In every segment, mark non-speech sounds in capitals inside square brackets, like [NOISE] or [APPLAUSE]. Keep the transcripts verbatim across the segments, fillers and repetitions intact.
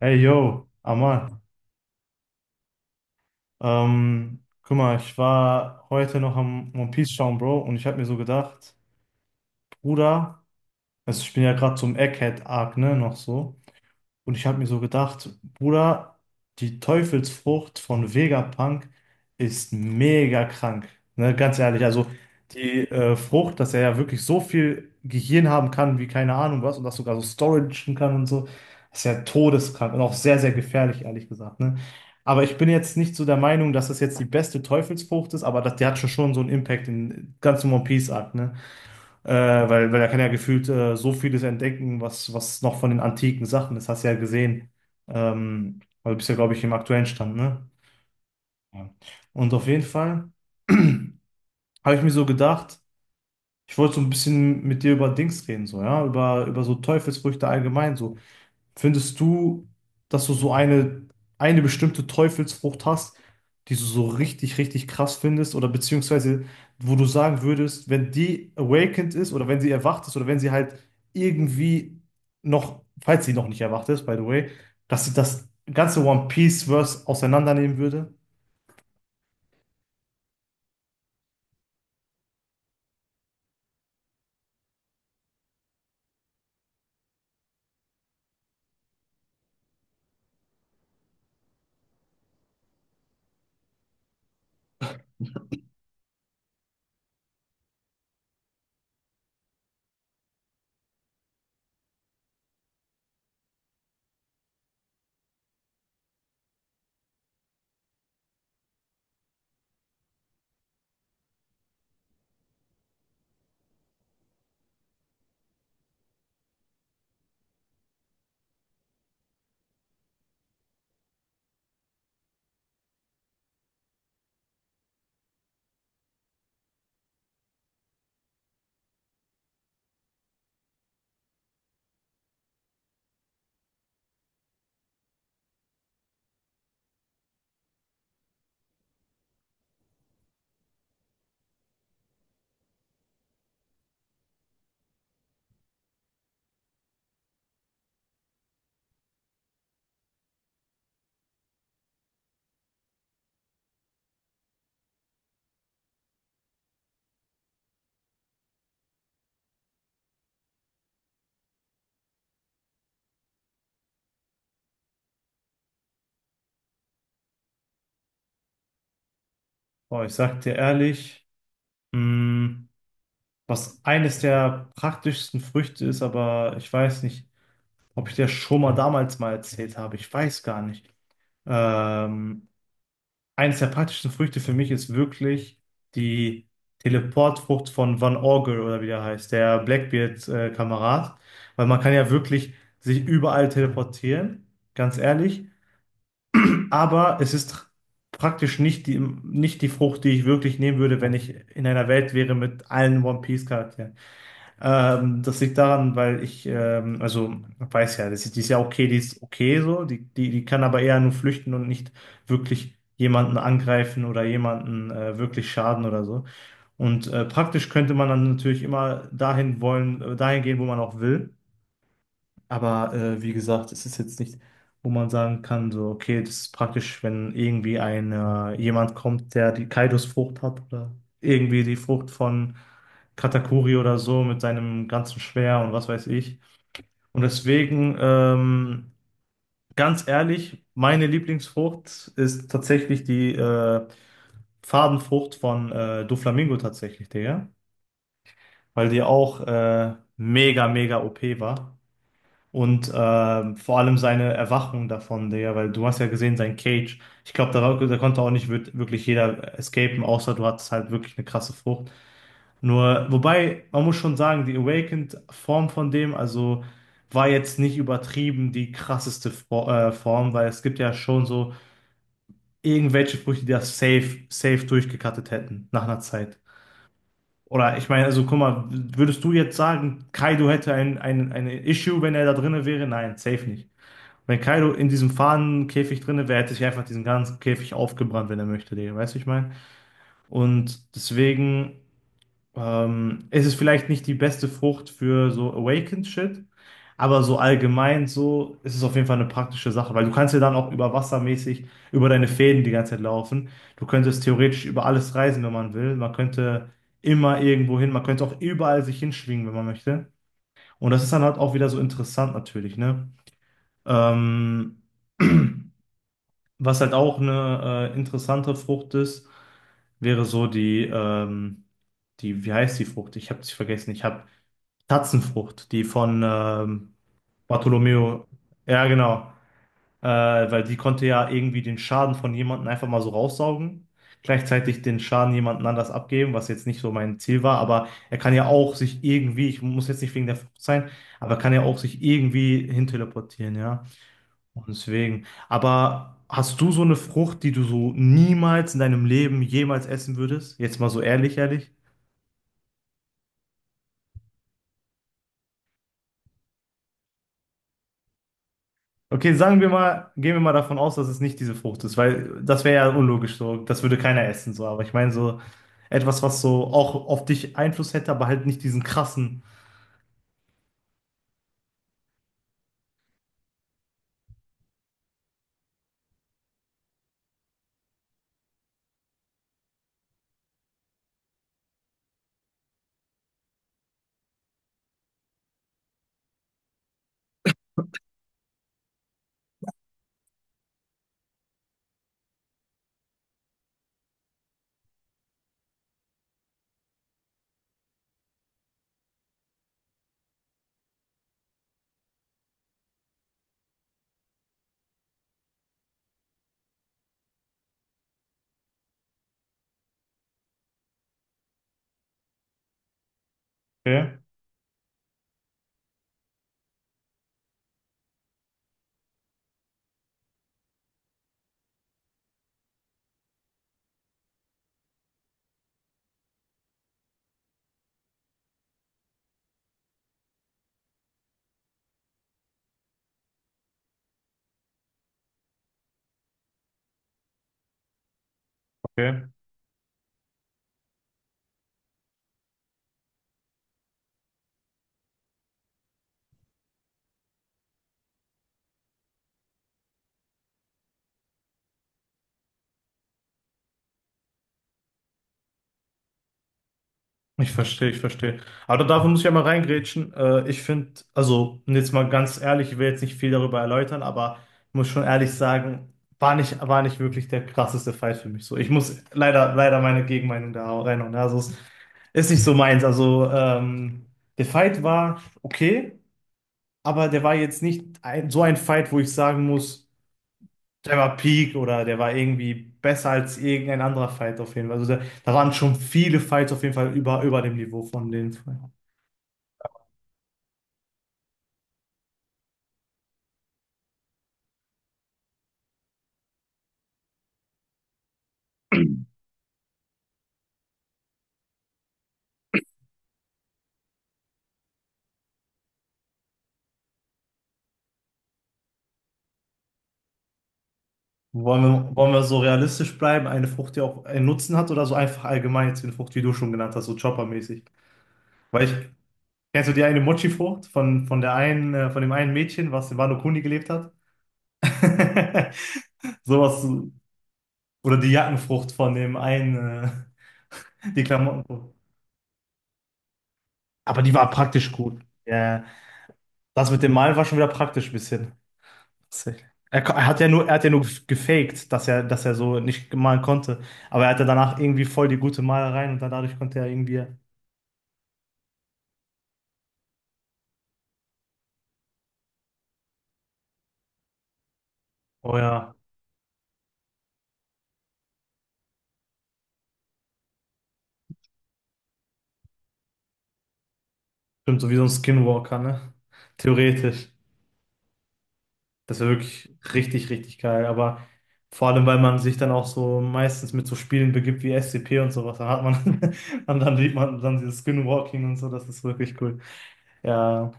Hey yo, Amal. Ähm, guck mal, ich war heute noch am One Piece schauen, Bro, und ich habe mir so gedacht, Bruder, also ich bin ja gerade zum Egghead-Arc, ne, noch so. Und ich habe mir so gedacht, Bruder, die Teufelsfrucht von Vegapunk ist mega krank. Ne, ganz ehrlich, also die äh, Frucht, dass er ja wirklich so viel Gehirn haben kann, wie keine Ahnung was, und das sogar so storagen kann und so, ist ja todeskrank und auch sehr, sehr gefährlich, ehrlich gesagt. Ne? Aber ich bin jetzt nicht so der Meinung, dass das jetzt die beste Teufelsfrucht ist, aber das, die hat schon, schon so einen Impact in ganzen One Piece Arc. Ne? Äh, weil, weil er kann ja gefühlt äh, so vieles entdecken, was, was noch von den antiken Sachen ist. Hast du ja gesehen. Ähm, weil du bist ja, glaube ich, im aktuellen Stand, ne? Ja. Und auf jeden Fall [CLEARS THROAT] habe ich mir so gedacht, ich wollte so ein bisschen mit dir über Dings reden, so, ja, über, über so Teufelsfrüchte allgemein, so. Findest du, dass du so eine, eine bestimmte Teufelsfrucht hast, die du so richtig, richtig krass findest oder beziehungsweise wo du sagen würdest, wenn die awakened ist oder wenn sie erwacht ist oder wenn sie halt irgendwie noch, falls sie noch nicht erwacht ist, by the way, dass sie das ganze One Piece-Verse auseinandernehmen würde? Boah, ich sag dir ehrlich, mh, was eines der praktischsten Früchte ist, aber ich weiß nicht, ob ich dir schon mal damals mal erzählt habe. Ich weiß gar nicht. Ähm, Eines der praktischsten Früchte für mich ist wirklich die Teleportfrucht von Van Orgel oder wie der heißt, der Blackbeard-Kamerad, weil man kann ja wirklich sich überall teleportieren, ganz ehrlich. Aber es ist praktisch nicht die, nicht die Frucht, die ich wirklich nehmen würde, wenn ich in einer Welt wäre mit allen One Piece-Charakteren. Ähm, das liegt daran, weil ich, ähm, also weiß ja, das ist, die ist ja okay, die ist okay so, die, die, die kann aber eher nur flüchten und nicht wirklich jemanden angreifen oder jemanden äh, wirklich schaden oder so. Und äh, praktisch könnte man dann natürlich immer dahin wollen, äh, dahin gehen, wo man auch will. Aber äh, wie gesagt, es ist jetzt nicht, wo man sagen kann, so, okay, das ist praktisch, wenn irgendwie ein, äh, jemand kommt, der die Kaidos-Frucht hat oder irgendwie die Frucht von Katakuri oder so mit seinem ganzen Schwert und was weiß ich. Und deswegen, ähm, ganz ehrlich, meine Lieblingsfrucht ist tatsächlich die äh, Farbenfrucht von äh, Doflamingo tatsächlich, Digga. Weil die auch äh, mega, mega O P war. Und ähm, vor allem seine Erwachung davon, Digga, weil du hast ja gesehen, sein Cage. Ich glaube, da, war- da konnte auch nicht wir- wirklich jeder escapen, außer du hattest halt wirklich eine krasse Frucht. Nur, wobei, man muss schon sagen, die Awakened-Form von dem, also war jetzt nicht übertrieben die krasseste Fro- äh, Form, weil es gibt ja schon so irgendwelche Früchte, die das safe, safe durchgekattet hätten nach einer Zeit. Oder ich meine, also guck mal, würdest du jetzt sagen, Kaido hätte ein, ein, ein Issue, wenn er da drinne wäre? Nein, safe nicht. Wenn Kaido in diesem Fahnenkäfig drinne wäre, hätte sich einfach diesen ganzen Käfig aufgebrannt, wenn er möchte, Digga. Weißt du, ich meine? Und deswegen ähm, ist es vielleicht nicht die beste Frucht für so Awakened Shit, aber so allgemein so ist es auf jeden Fall eine praktische Sache, weil du kannst ja dann auch über wassermäßig über deine Fäden die ganze Zeit laufen. Du könntest theoretisch über alles reisen, wenn man will. Man könnte immer irgendwo hin, man könnte auch überall sich hinschwingen, wenn man möchte. Und das ist dann halt auch wieder so interessant natürlich, ne? Ähm, [CLEARS THROAT] Was halt auch eine äh, interessante Frucht ist, wäre so die, ähm, die, wie heißt die Frucht? Ich habe sie vergessen. Ich habe Tatzenfrucht, die von ähm, Bartolomeo. Ja, genau. Äh, Weil die konnte ja irgendwie den Schaden von jemandem einfach mal so raussaugen. Gleichzeitig den Schaden jemandem anders abgeben, was jetzt nicht so mein Ziel war. Aber er kann ja auch sich irgendwie, ich muss jetzt nicht wegen der Frucht sein, aber er kann ja auch sich irgendwie hinteleportieren, ja. Und deswegen. Aber hast du so eine Frucht, die du so niemals in deinem Leben jemals essen würdest? Jetzt mal so ehrlich, ehrlich. Okay, sagen wir mal, gehen wir mal davon aus, dass es nicht diese Frucht ist, weil das wäre ja unlogisch so. Das würde keiner essen so. Aber ich meine so etwas, was so auch auf dich Einfluss hätte, aber halt nicht diesen krassen. Okay, okay. Ich verstehe, ich verstehe. Aber dafür muss ich ja mal reingrätschen. Äh, ich finde, also und jetzt mal ganz ehrlich, ich will jetzt nicht viel darüber erläutern, aber ich muss schon ehrlich sagen, war nicht, war nicht wirklich der krasseste Fight für mich. So, ich muss leider, leider meine Gegenmeinung da reinhauen. Ja, also es ist nicht so meins. Also ähm, der Fight war okay, aber der war jetzt nicht ein, so ein Fight, wo ich sagen muss. Der war Peak oder der war irgendwie besser als irgendein anderer Fight auf jeden Fall. Also da, da waren schon viele Fights auf jeden Fall über, über dem Niveau von den zwei. Wollen wir, wollen wir so realistisch bleiben? Eine Frucht, die auch einen Nutzen hat oder so einfach allgemein jetzt eine Frucht, wie du schon genannt hast, so Chopper-mäßig? Weil ich, kennst du die eine Mochi-Frucht von, von der einen, äh, von dem einen Mädchen, was in Wano Kuni gelebt hat? [LAUGHS] Sowas, oder die Jackenfrucht von dem einen, äh, die Klamottenfrucht. Aber die war praktisch gut. Ja, das mit dem Malen war schon wieder praktisch ein bisschen. Er, ko- er hat ja nur, er hat ja nur gefaked, dass er, dass er so nicht malen konnte. Aber er hatte danach irgendwie voll die gute Malerei und dann dadurch konnte er irgendwie, oh ja, stimmt, so wie so ein Skinwalker, ne? Theoretisch. Das wäre wirklich richtig, richtig geil. Aber vor allem, weil man sich dann auch so meistens mit so Spielen begibt wie S C P und sowas, dann hat man, [LAUGHS] und dann sieht man dann dieses Skinwalking und so, das ist wirklich cool. Ja,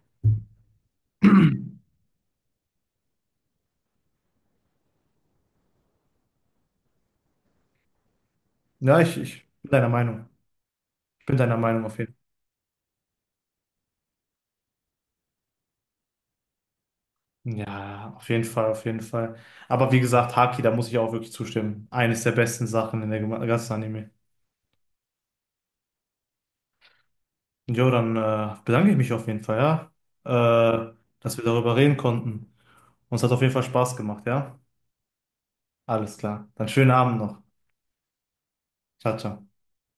ja, ich, ich bin deiner Meinung. Ich bin deiner Meinung auf jeden Fall. Ja, auf jeden Fall, auf jeden Fall. Aber wie gesagt, Haki, da muss ich auch wirklich zustimmen. Eines der besten Sachen in der gema- ganzen Anime. Jo, dann äh, bedanke ich mich auf jeden Fall, ja, äh, dass wir darüber reden konnten. Uns hat auf jeden Fall Spaß gemacht, ja? Alles klar. Dann schönen Abend noch. Ciao, ciao.